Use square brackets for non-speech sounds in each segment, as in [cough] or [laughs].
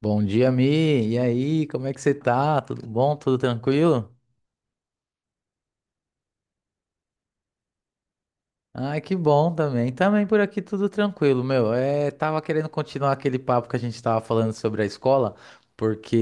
Bom dia, Mi. E aí, como é que você tá? Tudo bom? Tudo tranquilo? Ai, que bom também. Também por aqui tudo tranquilo, meu. É, tava querendo continuar aquele papo que a gente tava falando sobre a escola, porque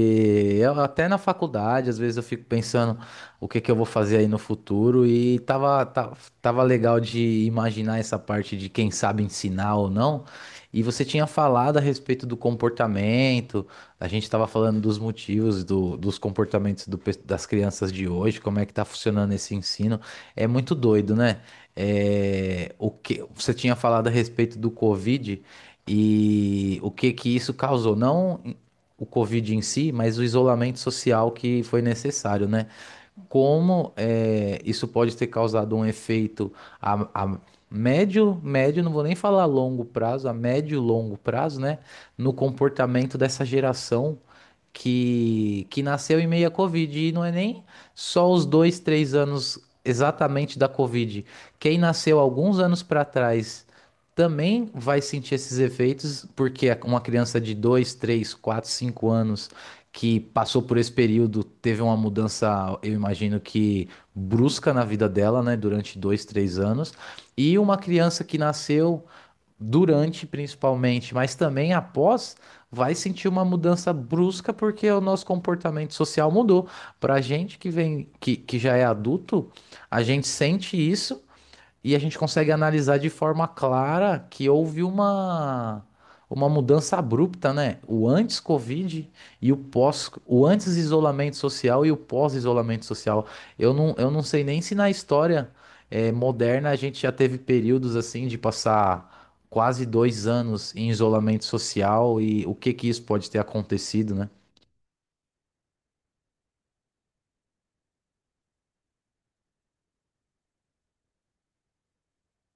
eu, até na faculdade, às vezes eu fico pensando o que que eu vou fazer aí no futuro e tava legal de imaginar essa parte de quem sabe ensinar ou não. E você tinha falado a respeito do comportamento, a gente tava falando dos motivos dos comportamentos das crianças de hoje, como é que tá funcionando esse ensino. É muito doido, né? É, o que você tinha falado a respeito do Covid e o que que isso causou, não o Covid em si, mas o isolamento social que foi necessário, né? Como isso pode ter causado um efeito a médio, não vou nem falar longo prazo, a médio e longo prazo, né, no comportamento dessa geração que nasceu em meio à Covid. E não é nem só os dois, três anos exatamente da Covid. Quem nasceu alguns anos para trás também vai sentir esses efeitos, porque é uma criança de 2 3 4 5 anos que passou por esse período, teve uma mudança, eu imagino que brusca na vida dela, né, durante dois, três anos, e uma criança que nasceu durante, principalmente, mas também após, vai sentir uma mudança brusca porque o nosso comportamento social mudou. Para a gente que vem, que já é adulto, a gente sente isso. E a gente consegue analisar de forma clara que houve uma mudança abrupta, né? O antes-Covid e o antes-isolamento social e o pós-isolamento social. Eu não sei nem se na história moderna a gente já teve períodos assim de passar quase 2 anos em isolamento social e o que que isso pode ter acontecido, né?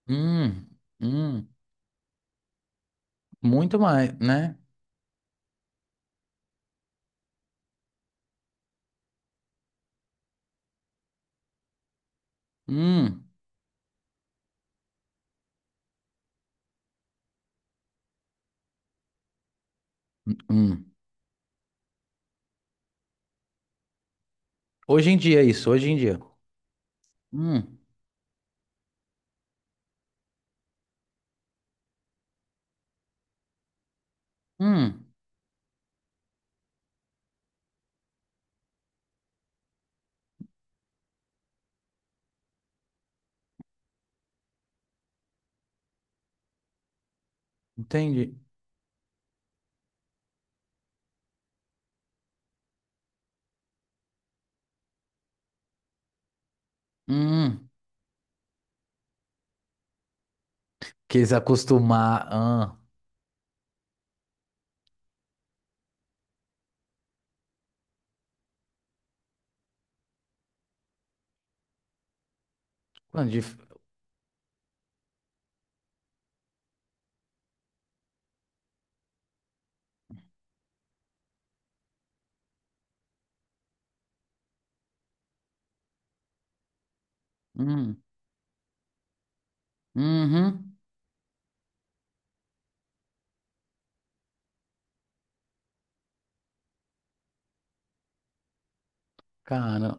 Hum, hum, muito mais, né? Hum, hum. Hoje em dia é isso, hoje em dia. Hum. Hum, entendi. Hum, quis acostumar. Ah, quando dif- hum, uhum, cara.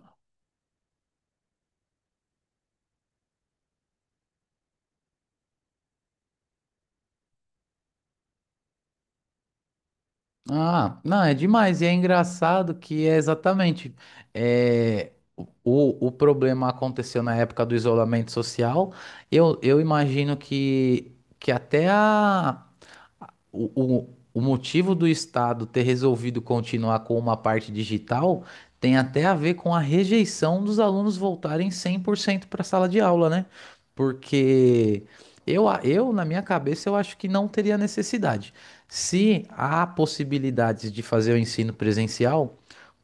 Ah, não, é demais. E é engraçado que é exatamente. É, o problema aconteceu na época do isolamento social. Eu imagino que até a. O, o motivo do Estado ter resolvido continuar com uma parte digital tem até a ver com a rejeição dos alunos voltarem 100% para a sala de aula, né? Porque eu, na minha cabeça, eu acho que não teria necessidade. Se há possibilidades de fazer o ensino presencial,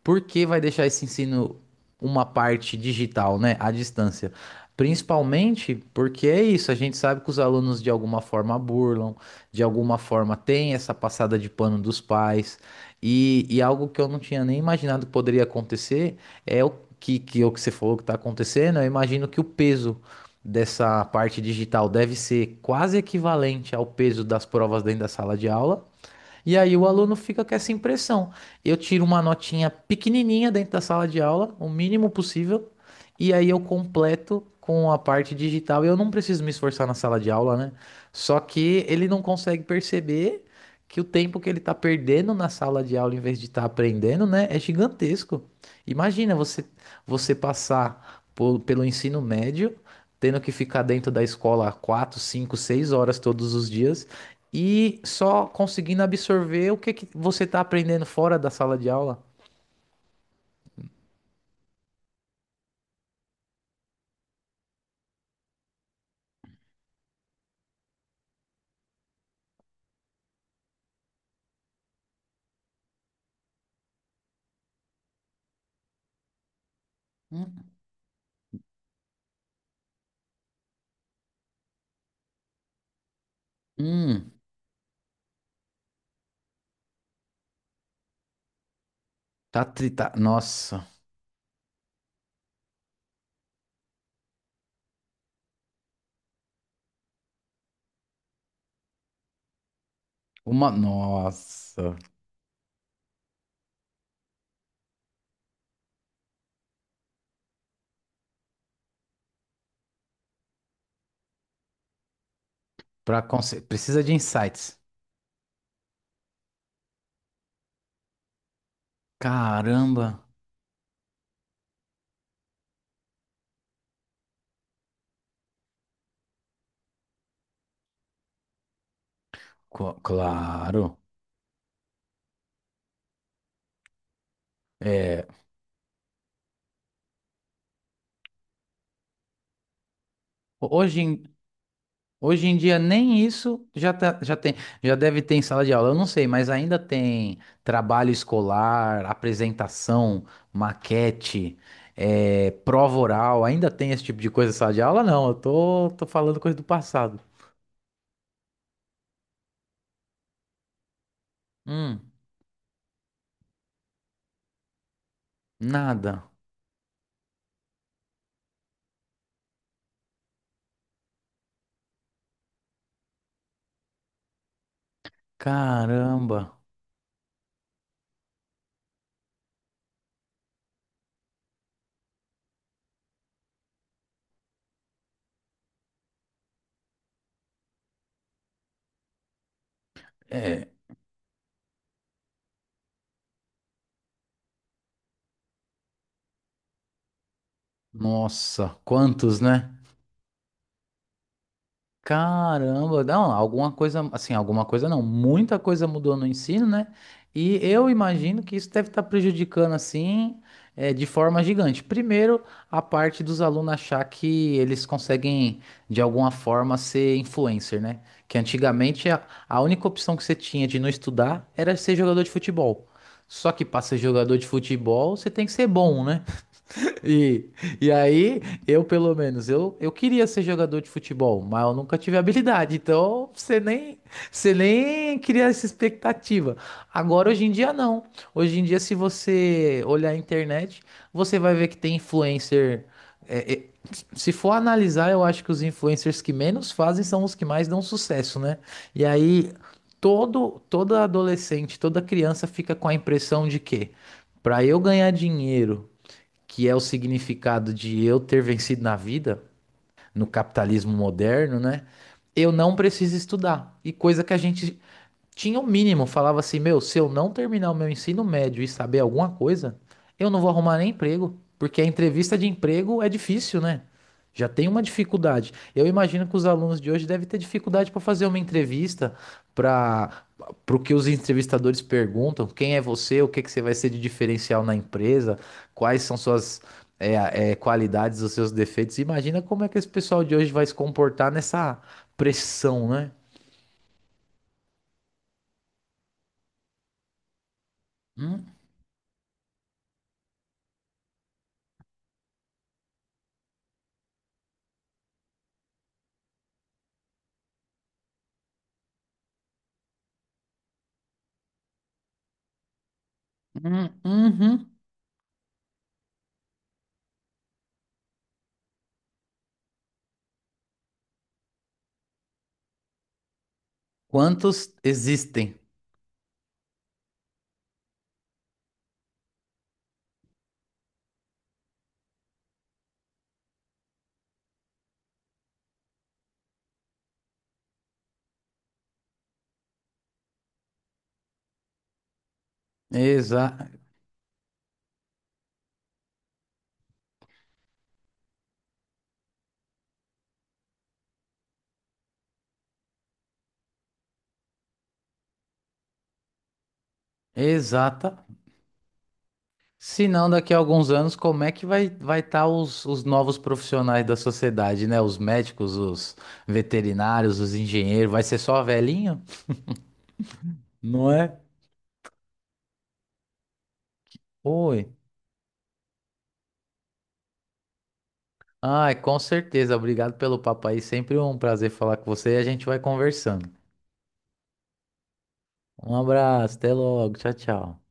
porque vai deixar esse ensino uma parte digital, né, à distância? Principalmente porque é isso, a gente sabe que os alunos de alguma forma burlam, de alguma forma tem essa passada de pano dos pais, e algo que eu não tinha nem imaginado que poderia acontecer é o é o que você falou que está acontecendo, eu imagino que o peso dessa parte digital deve ser quase equivalente ao peso das provas dentro da sala de aula, e aí o aluno fica com essa impressão. Eu tiro uma notinha pequenininha dentro da sala de aula, o mínimo possível, e aí eu completo com a parte digital. Eu não preciso me esforçar na sala de aula, né? Só que ele não consegue perceber que o tempo que ele está perdendo na sala de aula em vez de estar aprendendo, né, é gigantesco. Imagina você passar pelo ensino médio tendo que ficar dentro da escola 4 5 6 horas todos os dias e só conseguindo absorver o que, que você está aprendendo fora da sala de aula. Hum, Tá, tá, nossa, nossa, precisa de insights. Caramba. Claro. Hoje, em- Hoje em dia nem isso já, já tem, já deve ter em sala de aula, eu não sei, mas ainda tem trabalho escolar, apresentação, maquete, prova oral, ainda tem esse tipo de coisa em sala de aula? Não, eu tô falando coisa do passado. Hum, nada. Caramba. É, nossa, quantos, né? Caramba, não, alguma coisa, assim, alguma coisa não, muita coisa mudou no ensino, né? E eu imagino que isso deve estar prejudicando, assim, de forma gigante. Primeiro, a parte dos alunos achar que eles conseguem, de alguma forma, ser influencer, né? Que antigamente a única opção que você tinha de não estudar era ser jogador de futebol. Só que para ser jogador de futebol, você tem que ser bom, né? [laughs] E, e aí, eu pelo menos, eu queria ser jogador de futebol, mas eu nunca tive habilidade, então você nem cria essa expectativa. Agora, hoje em dia, não. Hoje em dia, se você olhar a internet, você vai ver que tem influencer. é, é, se for analisar, eu acho que os influencers que menos fazem são os que mais dão sucesso, né? E aí, todo, toda adolescente, toda criança fica com a impressão de que, para eu ganhar dinheiro que é o significado de eu ter vencido na vida, no capitalismo moderno, né? Eu não preciso estudar. E coisa que a gente tinha o mínimo, falava assim, meu, se eu não terminar o meu ensino médio e saber alguma coisa, eu não vou arrumar nem emprego, porque a entrevista de emprego é difícil, né? Já tem uma dificuldade. Eu imagino que os alunos de hoje devem ter dificuldade para fazer uma entrevista, para para o que os entrevistadores perguntam, quem é você, o que que você vai ser de diferencial na empresa, quais são suas qualidades, os seus defeitos. Imagina como é que esse pessoal de hoje vai se comportar nessa pressão, né? Hum, uhum. Quantos existem? Exa exata. Se não, daqui a alguns anos, como é que vai estar os novos profissionais da sociedade, né? Os médicos, os veterinários, os engenheiros, vai ser só velhinho? Não é? Oi. Ai, com certeza. Obrigado pelo papo aí. Sempre um prazer falar com você e a gente vai conversando. Um abraço, até logo. Tchau, tchau.